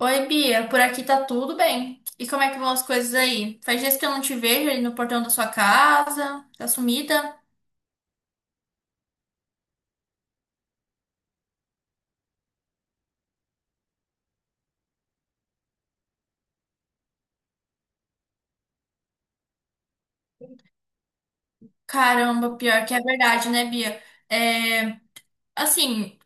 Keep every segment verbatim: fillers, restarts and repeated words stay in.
Oi, Bia, por aqui tá tudo bem. E como é que vão as coisas aí? Faz dias que eu não te vejo aí no portão da sua casa, tá sumida? Caramba, pior que é verdade, né, Bia? É, Assim,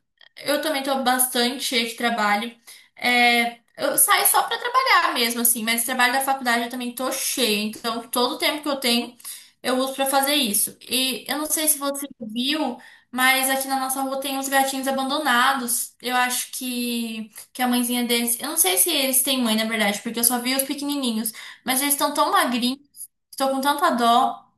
eu também tô bastante cheia de trabalho. É, eu saio só pra trabalhar mesmo, assim, mas trabalho da faculdade eu também tô cheia. Então, todo o tempo que eu tenho, eu uso pra fazer isso. E eu não sei se você viu, mas aqui na nossa rua tem uns gatinhos abandonados. Eu acho que, que a mãezinha deles. Eu não sei se eles têm mãe, na verdade, porque eu só vi os pequenininhos. Mas eles estão tão magrinhos, estou com tanta dó.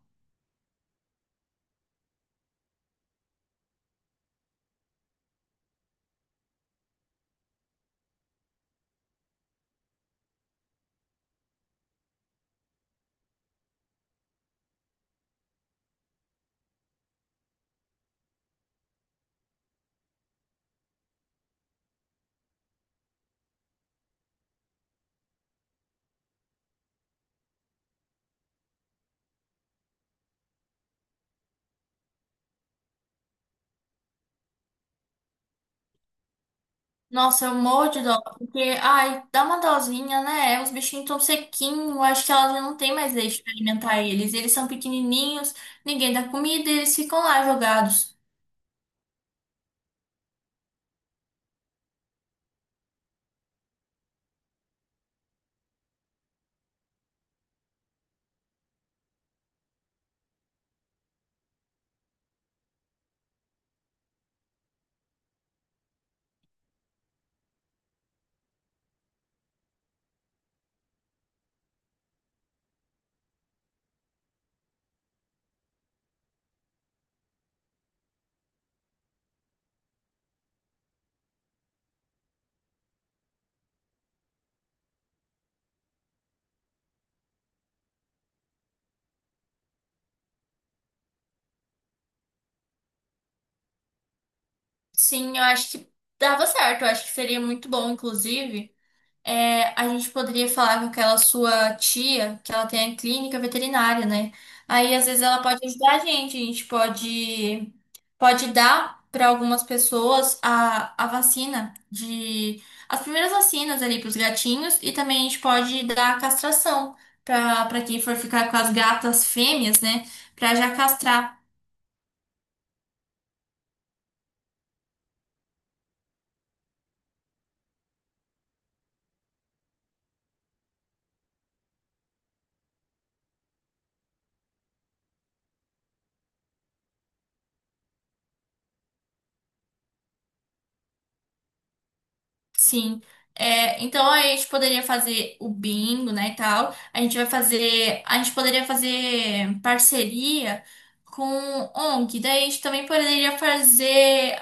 Nossa, eu morro de dó, porque, ai, dá uma dosinha, né? Os bichinhos tão sequinhos, acho que ela já não tem mais leite pra alimentar eles. Eles são pequenininhos, ninguém dá comida, eles ficam lá jogados. Sim, eu acho que dava certo, eu acho que seria muito bom, inclusive. É, a gente poderia falar com aquela sua tia, que ela tem a clínica veterinária, né? Aí às vezes ela pode ajudar a gente, a gente pode, pode dar para algumas pessoas a, a vacina de as primeiras vacinas ali para os gatinhos e também a gente pode dar a castração para para quem for ficar com as gatas fêmeas, né? Para já castrar. Sim. É, então a gente poderia fazer o bingo, né, e tal. A gente vai fazer, a gente poderia fazer parceria com O N G. Daí a gente também poderia fazer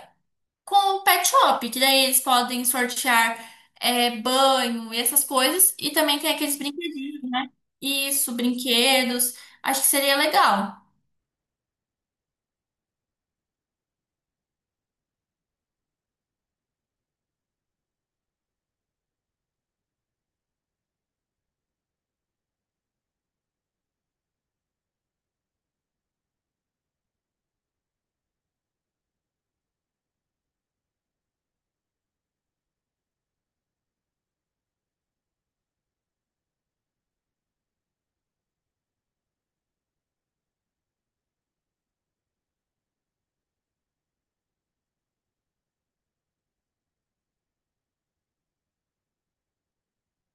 com o Pet Shop, que daí eles podem sortear é, banho e essas coisas. E também tem aqueles brinquedos, isso, brinquedos. Acho que seria legal.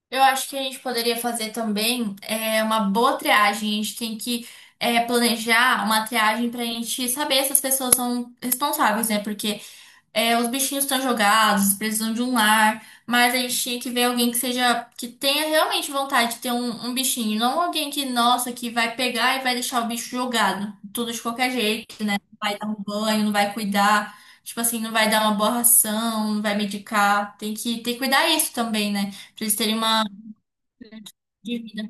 Eu acho que a gente poderia fazer também é, uma boa triagem. A gente tem que é, planejar uma triagem pra gente saber se as pessoas são responsáveis, né? Porque é, os bichinhos estão jogados, precisam de um lar, mas a gente tinha que ver alguém que seja, que tenha realmente vontade de ter um, um bichinho, não alguém que, nossa, que vai pegar e vai deixar o bicho jogado, tudo de qualquer jeito, né? Não vai dar um banho, não vai cuidar, tipo assim, não vai dar uma boa ração, não vai medicar. Tem que ter que cuidar isso também, né? Pra eles terem uma de vida.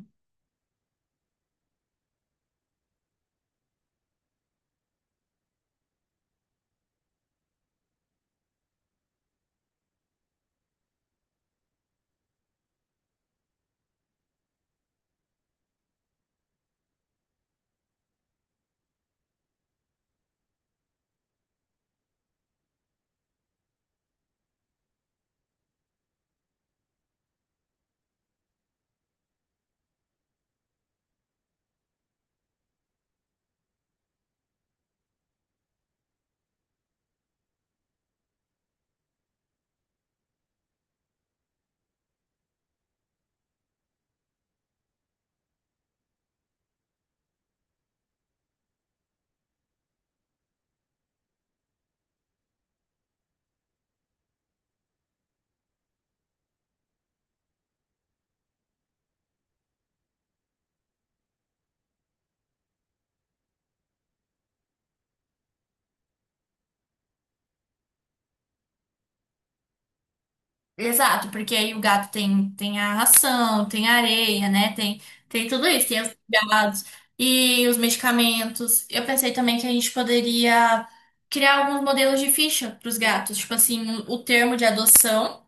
Exato, porque aí o gato tem, tem a ração, tem a areia, né? Tem, tem tudo isso, tem os gados e os medicamentos. Eu pensei também que a gente poderia criar alguns modelos de ficha para os gatos, tipo assim, um, o termo de adoção.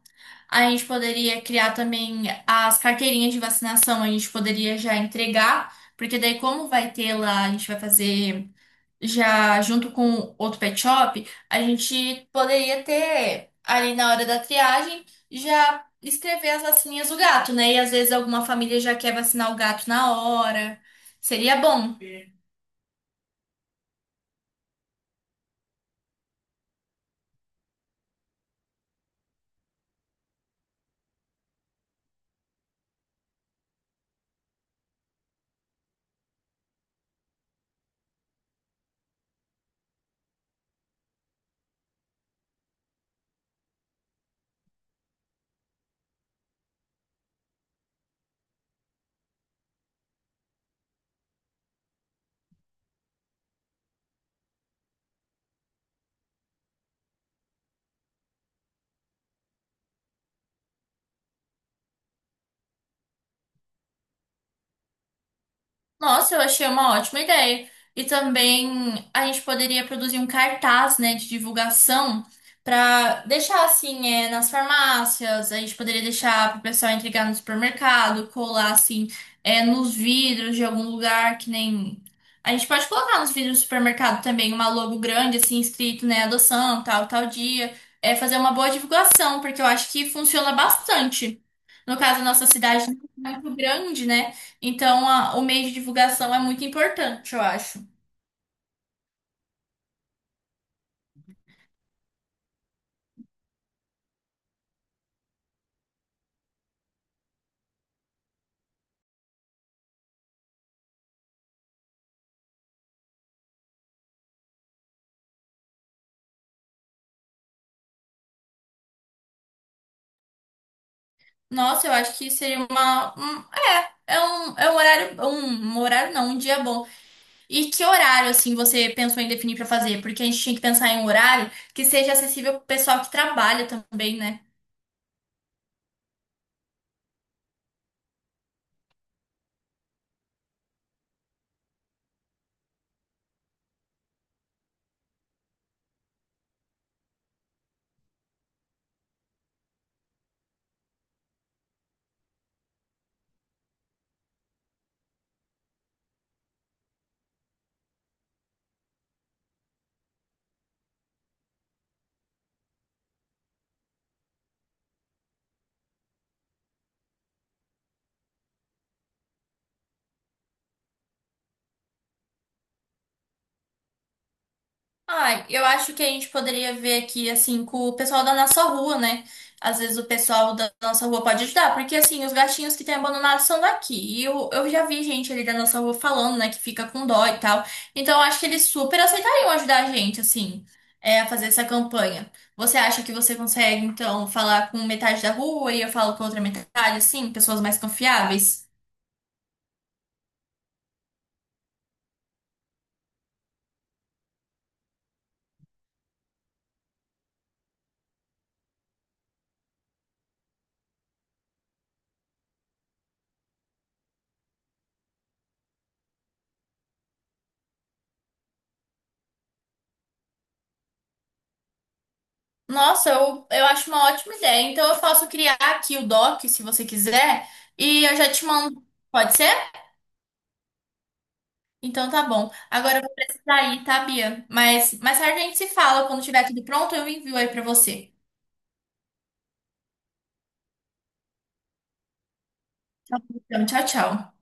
A gente poderia criar também as carteirinhas de vacinação, a gente poderia já entregar, porque daí, como vai ter lá, a gente vai fazer. Já junto com outro pet shop, a gente poderia ter ali na hora da triagem já escrever as vacininhas do gato, né? E às vezes alguma família já quer vacinar o gato na hora. Seria bom. Nossa, eu achei uma ótima ideia. E também a gente poderia produzir um cartaz, né, de divulgação para deixar assim, é, nas farmácias, a gente poderia deixar para o pessoal entregar no supermercado, colar assim, é, nos vidros de algum lugar que nem. A gente pode colocar nos vidros do supermercado também uma logo grande, assim, escrito, né, adoção, tal, tal dia. É fazer uma boa divulgação, porque eu acho que funciona bastante. No caso, a nossa cidade não é muito grande, né? Então, a- o meio de divulgação é muito importante, eu acho. Nossa, eu acho que seria uma. um- é, é um, é um horário. Um, um horário não, um dia bom. E que horário, assim, você pensou em definir pra fazer? Porque a gente tinha que pensar em um horário que seja acessível pro pessoal que trabalha também, né? Ah, eu acho que a gente poderia ver aqui, assim, com o pessoal da nossa rua, né? Às vezes o pessoal da nossa rua pode ajudar, porque, assim, os gatinhos que têm abandonado são daqui. E eu, eu já vi gente ali da nossa rua falando, né, que fica com dó e tal. Então, eu acho que eles super aceitariam ajudar a gente, assim, é, a fazer essa campanha. Você acha que você consegue, então, falar com metade da rua e eu falo com outra metade, assim, pessoas mais confiáveis? Nossa, eu, eu acho uma ótima ideia. Então eu posso criar aqui o doc, se você quiser, e eu já te mando. Pode ser? Então tá bom. Agora eu vou precisar ir, tá, Bia? Mas mais tarde a gente se fala. Quando tiver tudo pronto, eu envio aí pra você. Tá bom, então, tchau, tchau.